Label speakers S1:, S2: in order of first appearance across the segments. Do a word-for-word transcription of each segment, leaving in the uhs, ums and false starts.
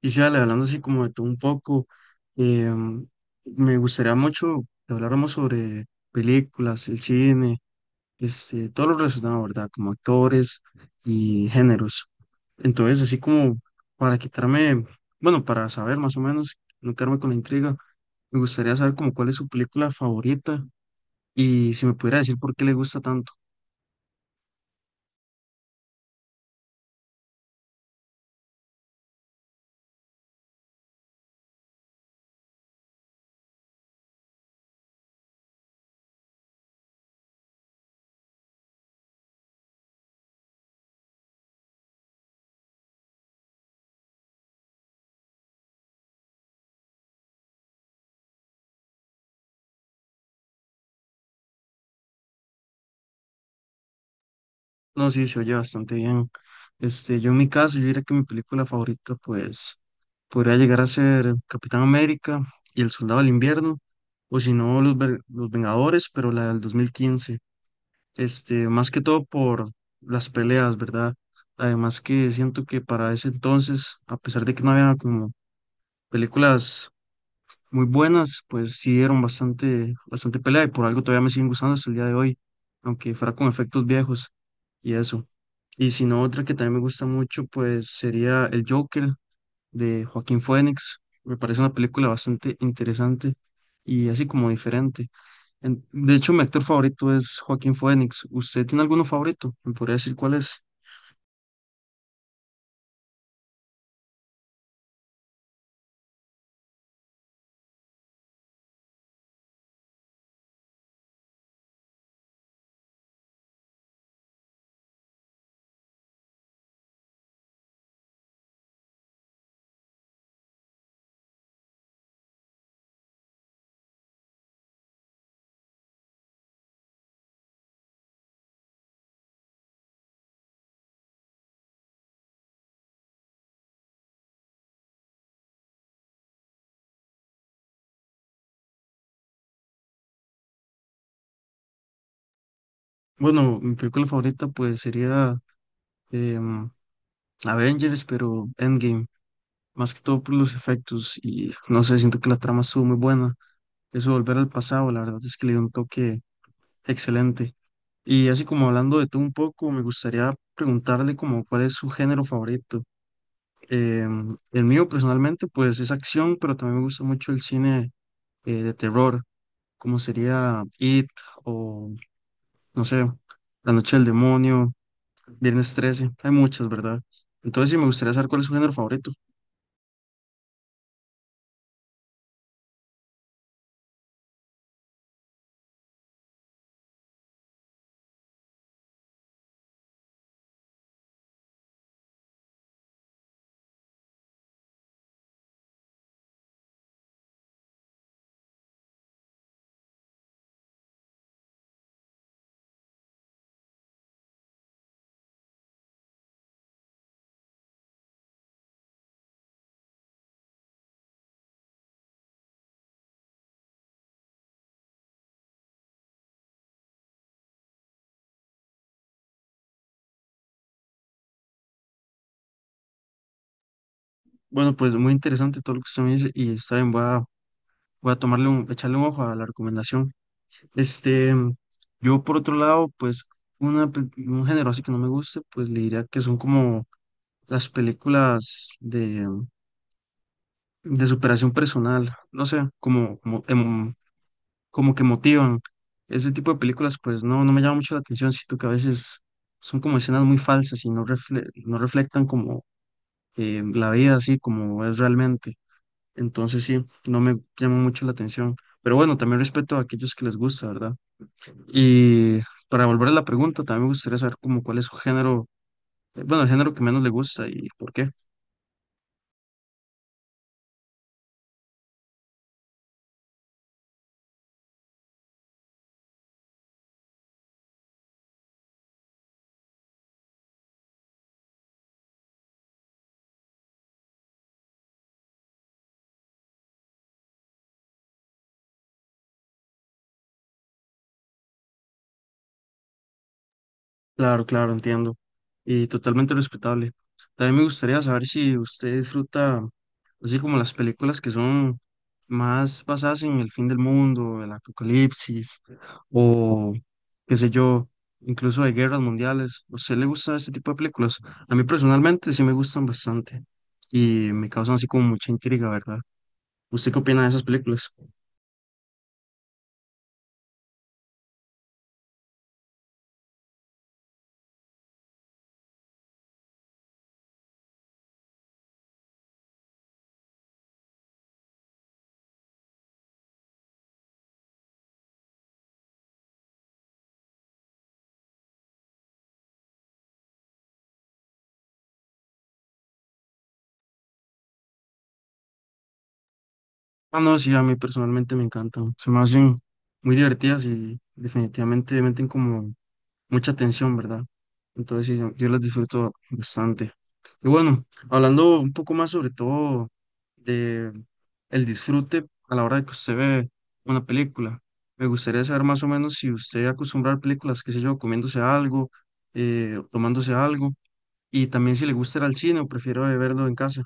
S1: Y sí, Ale, hablando así como de todo un poco, em, me gustaría mucho que habláramos sobre películas, el cine, este, todo lo relacionado, ¿verdad? Como actores y géneros. Entonces, así como para quitarme, bueno, para saber más o menos, no quedarme con la intriga, me gustaría saber como cuál es su película favorita y si me pudiera decir por qué le gusta tanto. No, sí, se oye bastante bien. Este, yo en mi caso, yo diría que mi película favorita, pues, podría llegar a ser Capitán América y El Soldado del Invierno, o si no, Los, Ve- Los Vengadores, pero la del dos mil quince. Este, más que todo por las peleas, ¿verdad? Además que siento que para ese entonces, a pesar de que no había como películas muy buenas, pues sí dieron bastante, bastante pelea y por algo todavía me siguen gustando hasta el día de hoy, aunque fuera con efectos viejos y eso. Y si no, otra que también me gusta mucho, pues sería El Joker de Joaquín Phoenix. Me parece una película bastante interesante y así como diferente. En- de hecho, mi actor favorito es Joaquín Phoenix. ¿Usted tiene alguno favorito? ¿Me podría decir cuál es? Bueno, mi película favorita pues sería em, Avengers, pero Endgame. Más que todo por los efectos y no sé, siento que la trama estuvo muy buena. Eso de volver al pasado, la verdad es que le dio un toque excelente. Y así como hablando de tú un poco, me gustaría preguntarle como cuál es su género favorito. Em, el mío personalmente pues es acción, pero también me gusta mucho el cine eh, de terror, como sería It o no sé, La Noche del Demonio, Viernes trece hay muchas, ¿verdad? Entonces sí me gustaría saber cuál es su género favorito. Bueno, pues muy interesante todo lo que usted me dice y está bien, voy a, voy a tomarle un, echarle un ojo a la recomendación. Este, yo por otro lado, pues una, pel- un género así que no me guste, pues le diría que son como las películas de, de superación personal, no sé, como, como, em- como que motivan. Ese tipo de películas, pues no, no me llama mucho la atención, siento que a veces son como escenas muy falsas y no, refle- no reflectan como eh, la vida así como es realmente. Entonces sí, no me llama mucho la atención. Pero bueno, también respeto a aquellos que les gusta, ¿verdad? Y para volver a la pregunta, también me gustaría saber como cuál es su género, eh, bueno, el género que menos le gusta y por qué. Claro, claro, entiendo. Y totalmente respetable. También me gustaría saber si usted disfruta, así como las películas que son más basadas en el fin del mundo, el apocalipsis, o qué sé yo, incluso de guerras mundiales. ¿A usted le gusta ese tipo de películas? A mí personalmente sí me gustan bastante y me causan así como mucha intriga, ¿verdad? ¿Usted qué opina de esas películas? Ah, no, sí, a mí personalmente me encantan. Se me hacen muy divertidas y definitivamente meten como mucha tensión, ¿verdad? Entonces, sí, yo, yo las disfruto bastante. Y bueno, hablando un poco más sobre todo de el disfrute a la hora de que usted ve una película, me gustaría saber más o menos si usted acostumbra a ver películas, qué sé yo, comiéndose algo, eh, tomándose algo, y también si le gusta ir al cine o prefiere verlo en casa.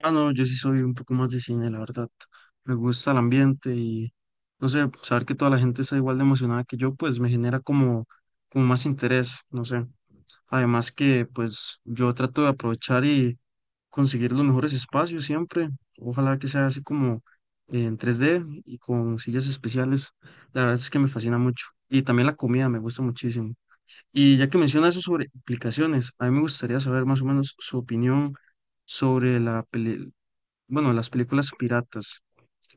S1: Ah, no, yo sí soy un poco más de cine, la verdad. Me gusta el ambiente y, no sé, saber que toda la gente está igual de emocionada que yo, pues me genera como, como más interés, no sé. Además que, pues, yo trato de aprovechar y conseguir los mejores espacios siempre. Ojalá que sea así como eh, en tres d y con sillas especiales. La verdad es que me fascina mucho. Y también la comida me gusta muchísimo. Y ya que menciona eso sobre aplicaciones, a mí me gustaría saber más o menos su opinión sobre la, peli- bueno, las películas piratas,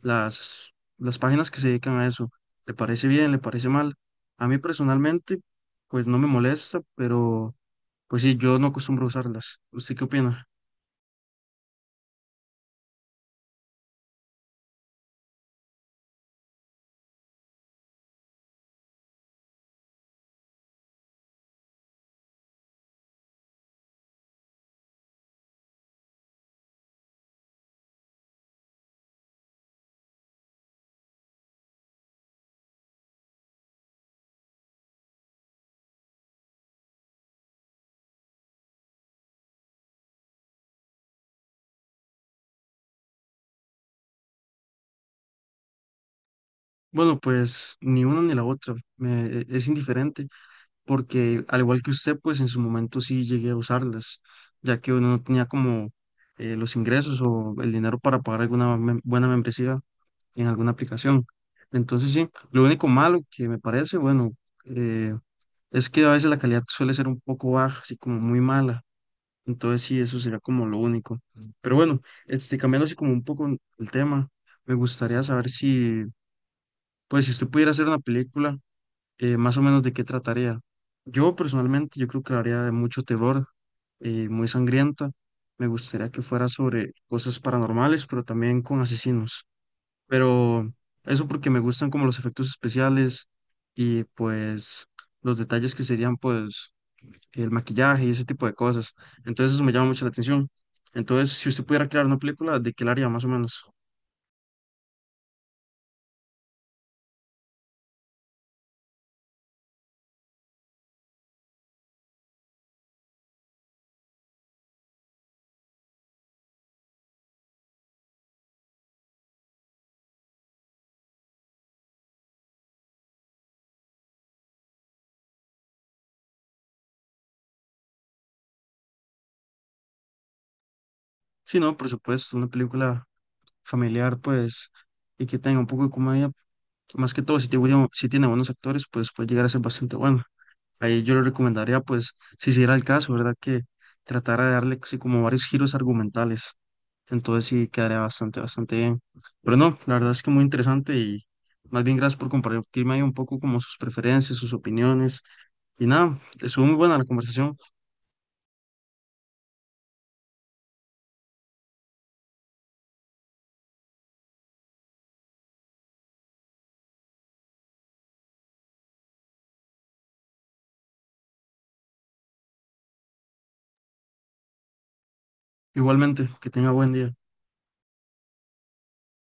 S1: las, las páginas que se dedican a eso, ¿le parece bien, le parece mal? A mí personalmente, pues no me molesta, pero pues sí, yo no acostumbro a usarlas. ¿Usted qué opina? Bueno, pues ni una ni la otra, me, e, es indiferente, porque al igual que usted, pues en su momento sí llegué a usarlas, ya que uno no tenía como eh, los ingresos o el dinero para pagar alguna mem- buena membresía en alguna aplicación. Entonces, sí, lo único malo que me parece, bueno, eh, es que a veces la calidad suele ser un poco baja, así como muy mala. Entonces, sí, eso sería como lo único. Pero bueno, este, cambiando así como un poco el tema, me gustaría saber si, pues, si usted pudiera hacer una película, eh, más o menos de qué trataría. Yo personalmente, yo creo que la haría de mucho terror, eh, muy sangrienta. Me gustaría que fuera sobre cosas paranormales, pero también con asesinos. Pero eso porque me gustan como los efectos especiales y pues los detalles que serían pues el maquillaje y ese tipo de cosas. Entonces eso me llama mucho la atención. Entonces, si usted pudiera crear una película, ¿de qué la haría más o menos? Sí, no, por supuesto, una película familiar pues y que tenga un poco de comedia. Más que todo, si tiene, buen- si tiene buenos actores, pues puede llegar a ser bastante bueno. Ahí yo le recomendaría, pues, si se diera el caso, ¿verdad? Que tratara de darle así como varios giros argumentales. Entonces sí quedaría bastante, bastante bien. Pero no, la verdad es que muy interesante y más bien gracias por compartirme ahí un poco como sus preferencias, sus opiniones. Y nada, estuvo muy buena la conversación. Igualmente, que tenga buen día.